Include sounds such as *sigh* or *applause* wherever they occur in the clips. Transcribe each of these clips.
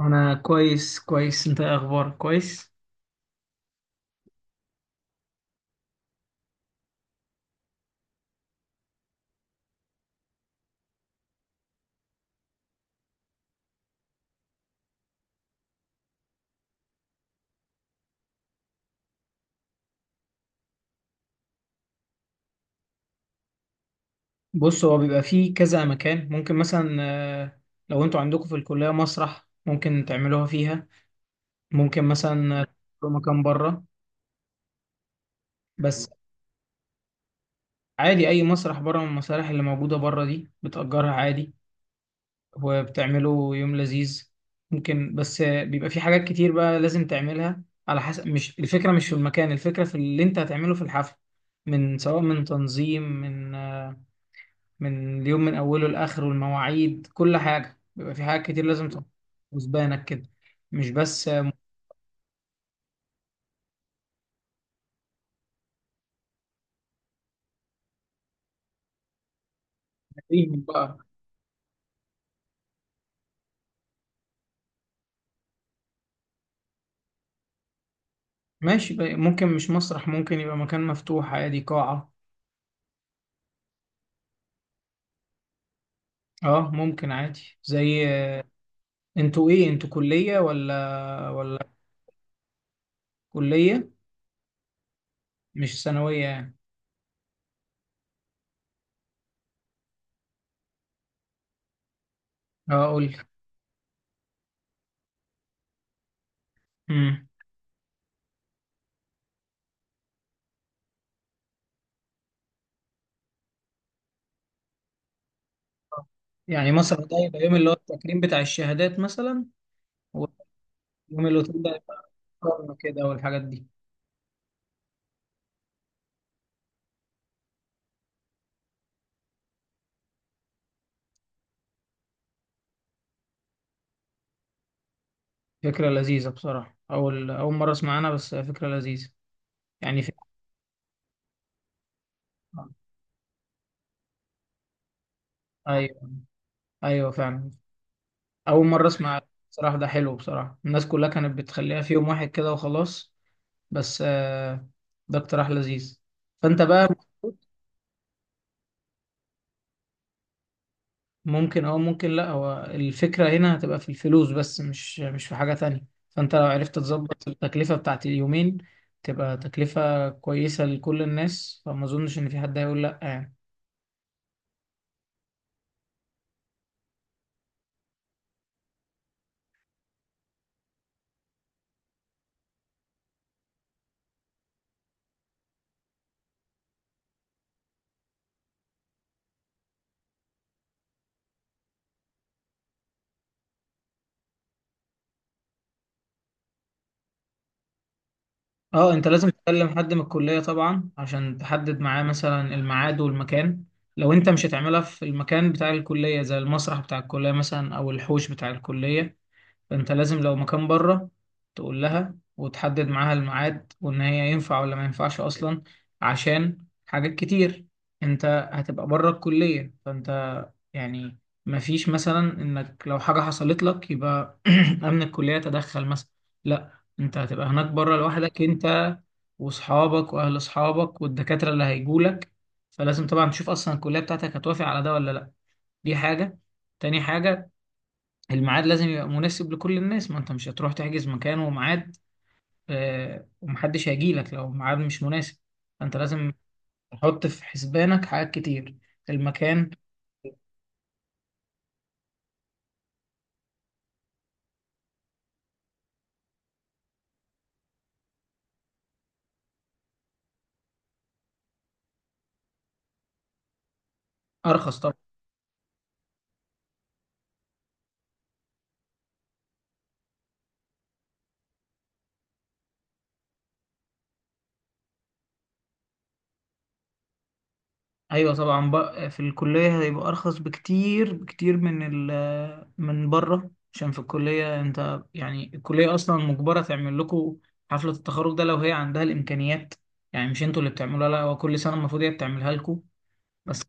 انا كويس انت إيه اخبارك كويس. بص هو بيبقى فيه كذا مكان. ممكن مثلا آه، لو انتوا عندكم في الكلية مسرح ممكن تعملوها فيها. ممكن مثلا تروحوا مكان بره. بس عادي اي مسرح بره من المسارح اللي موجودة بره دي بتأجرها عادي، وبتعملوا يوم لذيذ. ممكن بس بيبقى فيه حاجات كتير بقى لازم تعملها على حسب. مش الفكرة مش في المكان، الفكرة في اللي انت هتعمله في الحفل، من سواء من تنظيم من من اليوم من اوله لاخره، المواعيد، كل حاجه، بيبقى في حاجات كتير لازم تبقى وزبانك كده، مش بس مدربين بقى. ماشي بقى. ممكن مش مسرح، ممكن يبقى مكان مفتوح عادي، قاعه. اه ممكن عادي زي، انتوا ايه، انتوا كليه ولا ولا؟ كليه مش ثانويه يعني؟ اه اقول لك. امم يعني مسرح ده يبقى يوم اللي هو التكريم بتاع الشهادات مثلا، واليوم اللي تبدا يبقى قمه كده والحاجات دي. فكرة لذيذة بصراحة، أول مرة أسمع عنها، بس فكرة لذيذة. يعني في... أيوه، أيوه فعلا. أول مرة أسمع بصراحة. ده حلو بصراحة، الناس كلها كانت بتخليها في يوم واحد كده وخلاص، بس ده اقتراح لذيذ. فأنت بقى ممكن أو ممكن لأ. هو الفكرة هنا هتبقى في الفلوس بس، مش في حاجة تانية، فأنت لو عرفت تظبط التكلفة بتاعت اليومين تبقى تكلفة كويسة لكل الناس، فما أظنش إن في حد هيقول لأ يعني. اه انت لازم تكلم حد من الكلية طبعا عشان تحدد معاه مثلا الميعاد والمكان. لو انت مش هتعملها في المكان بتاع الكلية زي المسرح بتاع الكلية مثلا او الحوش بتاع الكلية، فانت لازم لو مكان بره تقول لها وتحدد معاها الميعاد وان هي ينفع ولا ما ينفعش اصلا، عشان حاجات كتير. انت هتبقى بره الكلية فانت يعني ما فيش مثلا انك لو حاجة حصلت لك يبقى *clears throat* امن الكلية تدخل مثلا. لا انت هتبقى هناك بره لوحدك، انت واصحابك واهل اصحابك والدكاترة اللي هيجولك. فلازم طبعا تشوف اصلا الكلية بتاعتك هتوافق على ده ولا لا. دي حاجة. تاني حاجة، الميعاد لازم يبقى مناسب لكل الناس. ما انت مش هتروح تحجز مكان وميعاد ومحدش هيجيلك لو الميعاد مش مناسب. فانت لازم تحط في حسبانك حاجات كتير. المكان ارخص طبعا. ايوه طبعا بقى في الكلية هيبقى ارخص بكتير بكتير من من بره، عشان في الكلية انت يعني الكلية اصلا مجبرة تعمل لكم حفلة التخرج ده لو هي عندها الامكانيات. يعني مش انتوا اللي بتعملوها، لا هو كل سنة المفروض هي بتعملها لكم. بس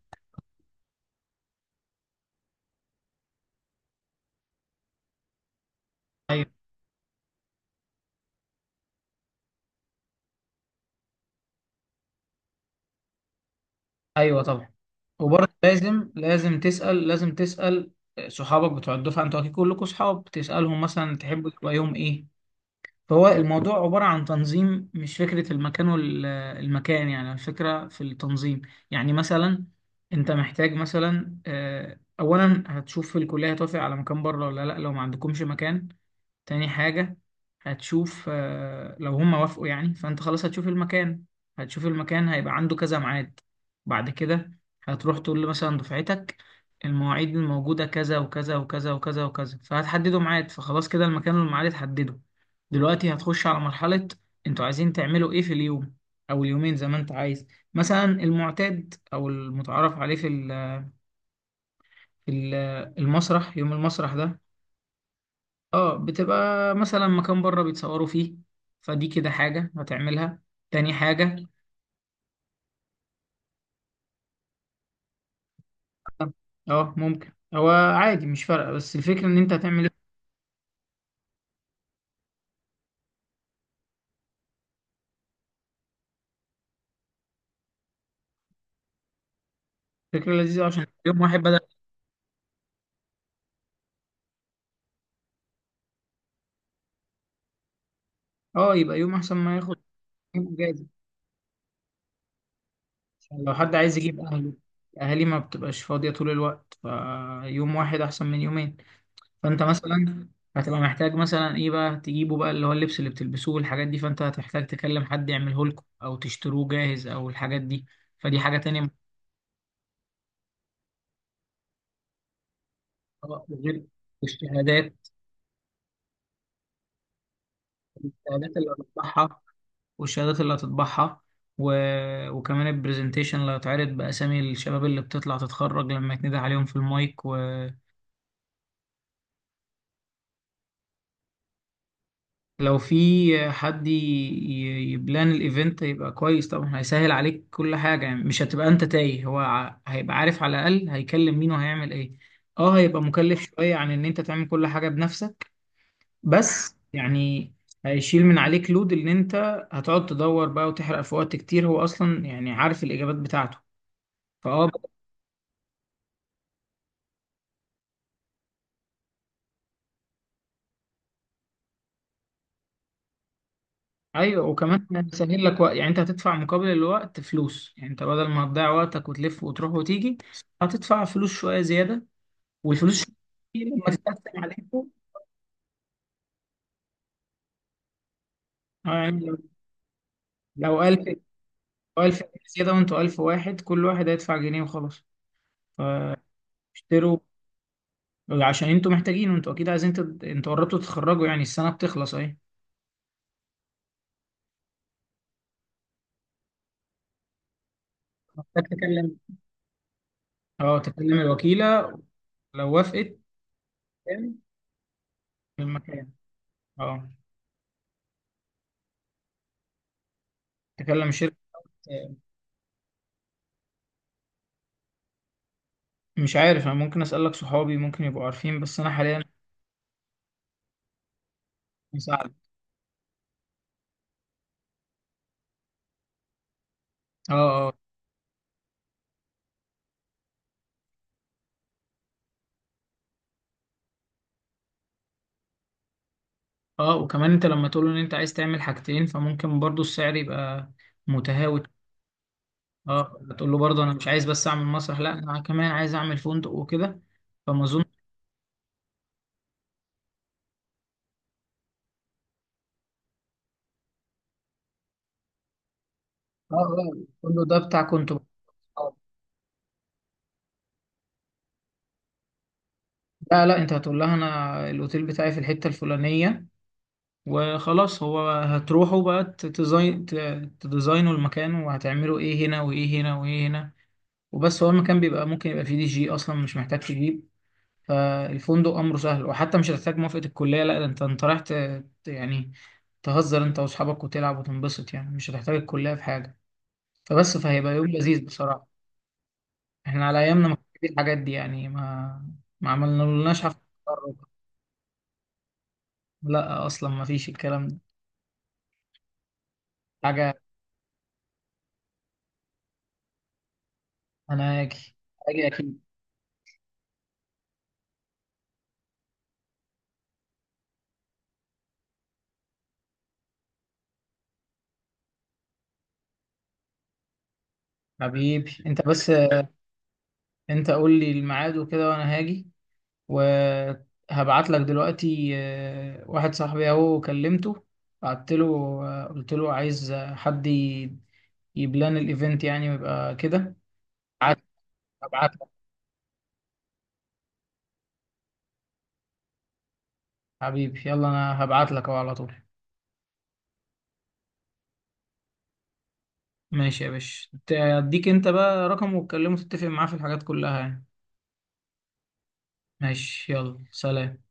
أيوة. ايوه طبعا. وبرضه لازم تسال، لازم تسال صحابك بتوع الدفعه، انتوا اكيد كلكم صحاب، تسالهم مثلا تحبوا تلاقيهم ايه. فهو الموضوع عباره عن تنظيم، مش فكره المكان والمكان، يعني الفكره في التنظيم. يعني مثلا انت محتاج مثلا اولا هتشوف في الكليه هتوافق على مكان بره ولا لا، لو ما عندكمش مكان. تاني حاجة، هتشوف لو هم وافقوا يعني فأنت خلاص هتشوف المكان. هتشوف المكان هيبقى عنده كذا ميعاد. بعد كده هتروح تقول له مثلا دفعتك المواعيد الموجودة كذا وكذا وكذا وكذا وكذا، فهتحددوا ميعاد، فخلاص كده المكان والميعاد اتحددوا. دلوقتي هتخش على مرحلة انتوا عايزين تعملوا ايه في اليوم أو اليومين زي ما انت عايز. مثلا المعتاد أو المتعارف عليه في في ال- المسرح، يوم المسرح ده اه بتبقى مثلا مكان بره بيتصوروا فيه. فدي كده حاجة هتعملها. تاني حاجة، اه ممكن هو عادي مش فارقة، بس الفكرة ان انت هتعمل ايه؟ فكرة لذيذة، عشان يوم واحد بدل، اه يبقى يوم احسن ما ياخد يوم اجازة، عشان لو حد عايز يجيب اهله، اهالي ما بتبقاش فاضية طول الوقت، فيوم واحد احسن من يومين. فانت مثلا هتبقى محتاج مثلا ايه بقى تجيبه بقى، اللي هو اللبس اللي بتلبسوه والحاجات دي، فانت هتحتاج تكلم حد يعمله لكم او تشتروه جاهز او الحاجات دي. فدي حاجة تانية، غير الشهادات. الشهادات اللي هتطبعها والشهادات اللي هتطبعها، و... وكمان البرزنتيشن اللي هيتعرض بأسامي الشباب اللي بتطلع تتخرج لما يتندى عليهم في المايك، ولو في حد يبلان الايفنت هيبقى كويس طبعا، هيسهل عليك كل حاجة، يعني مش هتبقى انت تايه، هو هيبقى عارف على الأقل هيكلم مين وهيعمل ايه. اه هيبقى مكلف شوية عن ان انت تعمل كل حاجة بنفسك، بس يعني هيشيل من عليك لود ان انت هتقعد تدور بقى وتحرق في وقت كتير، هو اصلا يعني عارف الاجابات بتاعته. فاه ايوه، وكمان هيسهل لك وقت، يعني انت هتدفع مقابل الوقت فلوس، يعني انت بدل ما هتضيع وقتك وتلف وتروح وتيجي، هتدفع فلوس شويه زياده، والفلوس دي لما تتقسم عليكم يعني لو 1000، لو 1000 زياده وانتوا 1000 واحد، كل واحد هيدفع جنيه وخلاص. فاشتروا عشان انتوا محتاجين، وانتوا اكيد عايزين انتوا قربتوا تتخرجوا، يعني السنه بتخلص اهي. محتاج تكلم، اه تكلم الوكيلة لو وافقت، تمام، في المكان، اه تكلم شركة. مش عارف، انا ممكن اسألك صحابي ممكن يبقوا عارفين، بس انا حاليا مساعد. اه اه اه. وكمان انت لما تقول له ان انت عايز تعمل حاجتين، فممكن برضو السعر يبقى متهاوت. اه تقول له برضو انا مش عايز بس اعمل مسرح، لا انا كمان عايز اعمل فندق وكده، فما اظن. اه اه الفندق ده بتاع كنت، لا لا انت هتقول لها انا الاوتيل بتاعي في الحته الفلانيه وخلاص، هو هتروحوا بقى تديزاينوا المكان وهتعملوا ايه هنا وايه هنا وايه هنا وبس. هو المكان بيبقى ممكن يبقى فيه دي جي اصلا مش محتاج تجيب. فالفندق امره سهل، وحتى مش هتحتاج موافقة الكلية، لا ده انت رايح يعني تهزر انت واصحابك وتلعب وتنبسط، يعني مش هتحتاج الكلية في حاجة. فبس فهيبقى يوم لذيذ بصراحة. احنا على ايامنا ما كانش فيه الحاجات دي، يعني ما ما عملنالناش حفلة تخرج. لا اصلا ما فيش الكلام ده حاجة. انا هاجي، هاجي اكيد، حبيبي انت بس، انت قول لي الميعاد وكده وانا هاجي. وهبعت لك دلوقتي واحد صاحبي اهو كلمته، بعت له قلت له عايز حد يبلان الايفنت يعني ويبقى كده. بعت- هبعت لك، حبيبي يلا انا هبعت لك اهو على طول. ماشي يا باشا، اديك انت بقى رقم وتكلمه تتفق معاه في الحاجات كلها يعني. ماشي يلا سلام.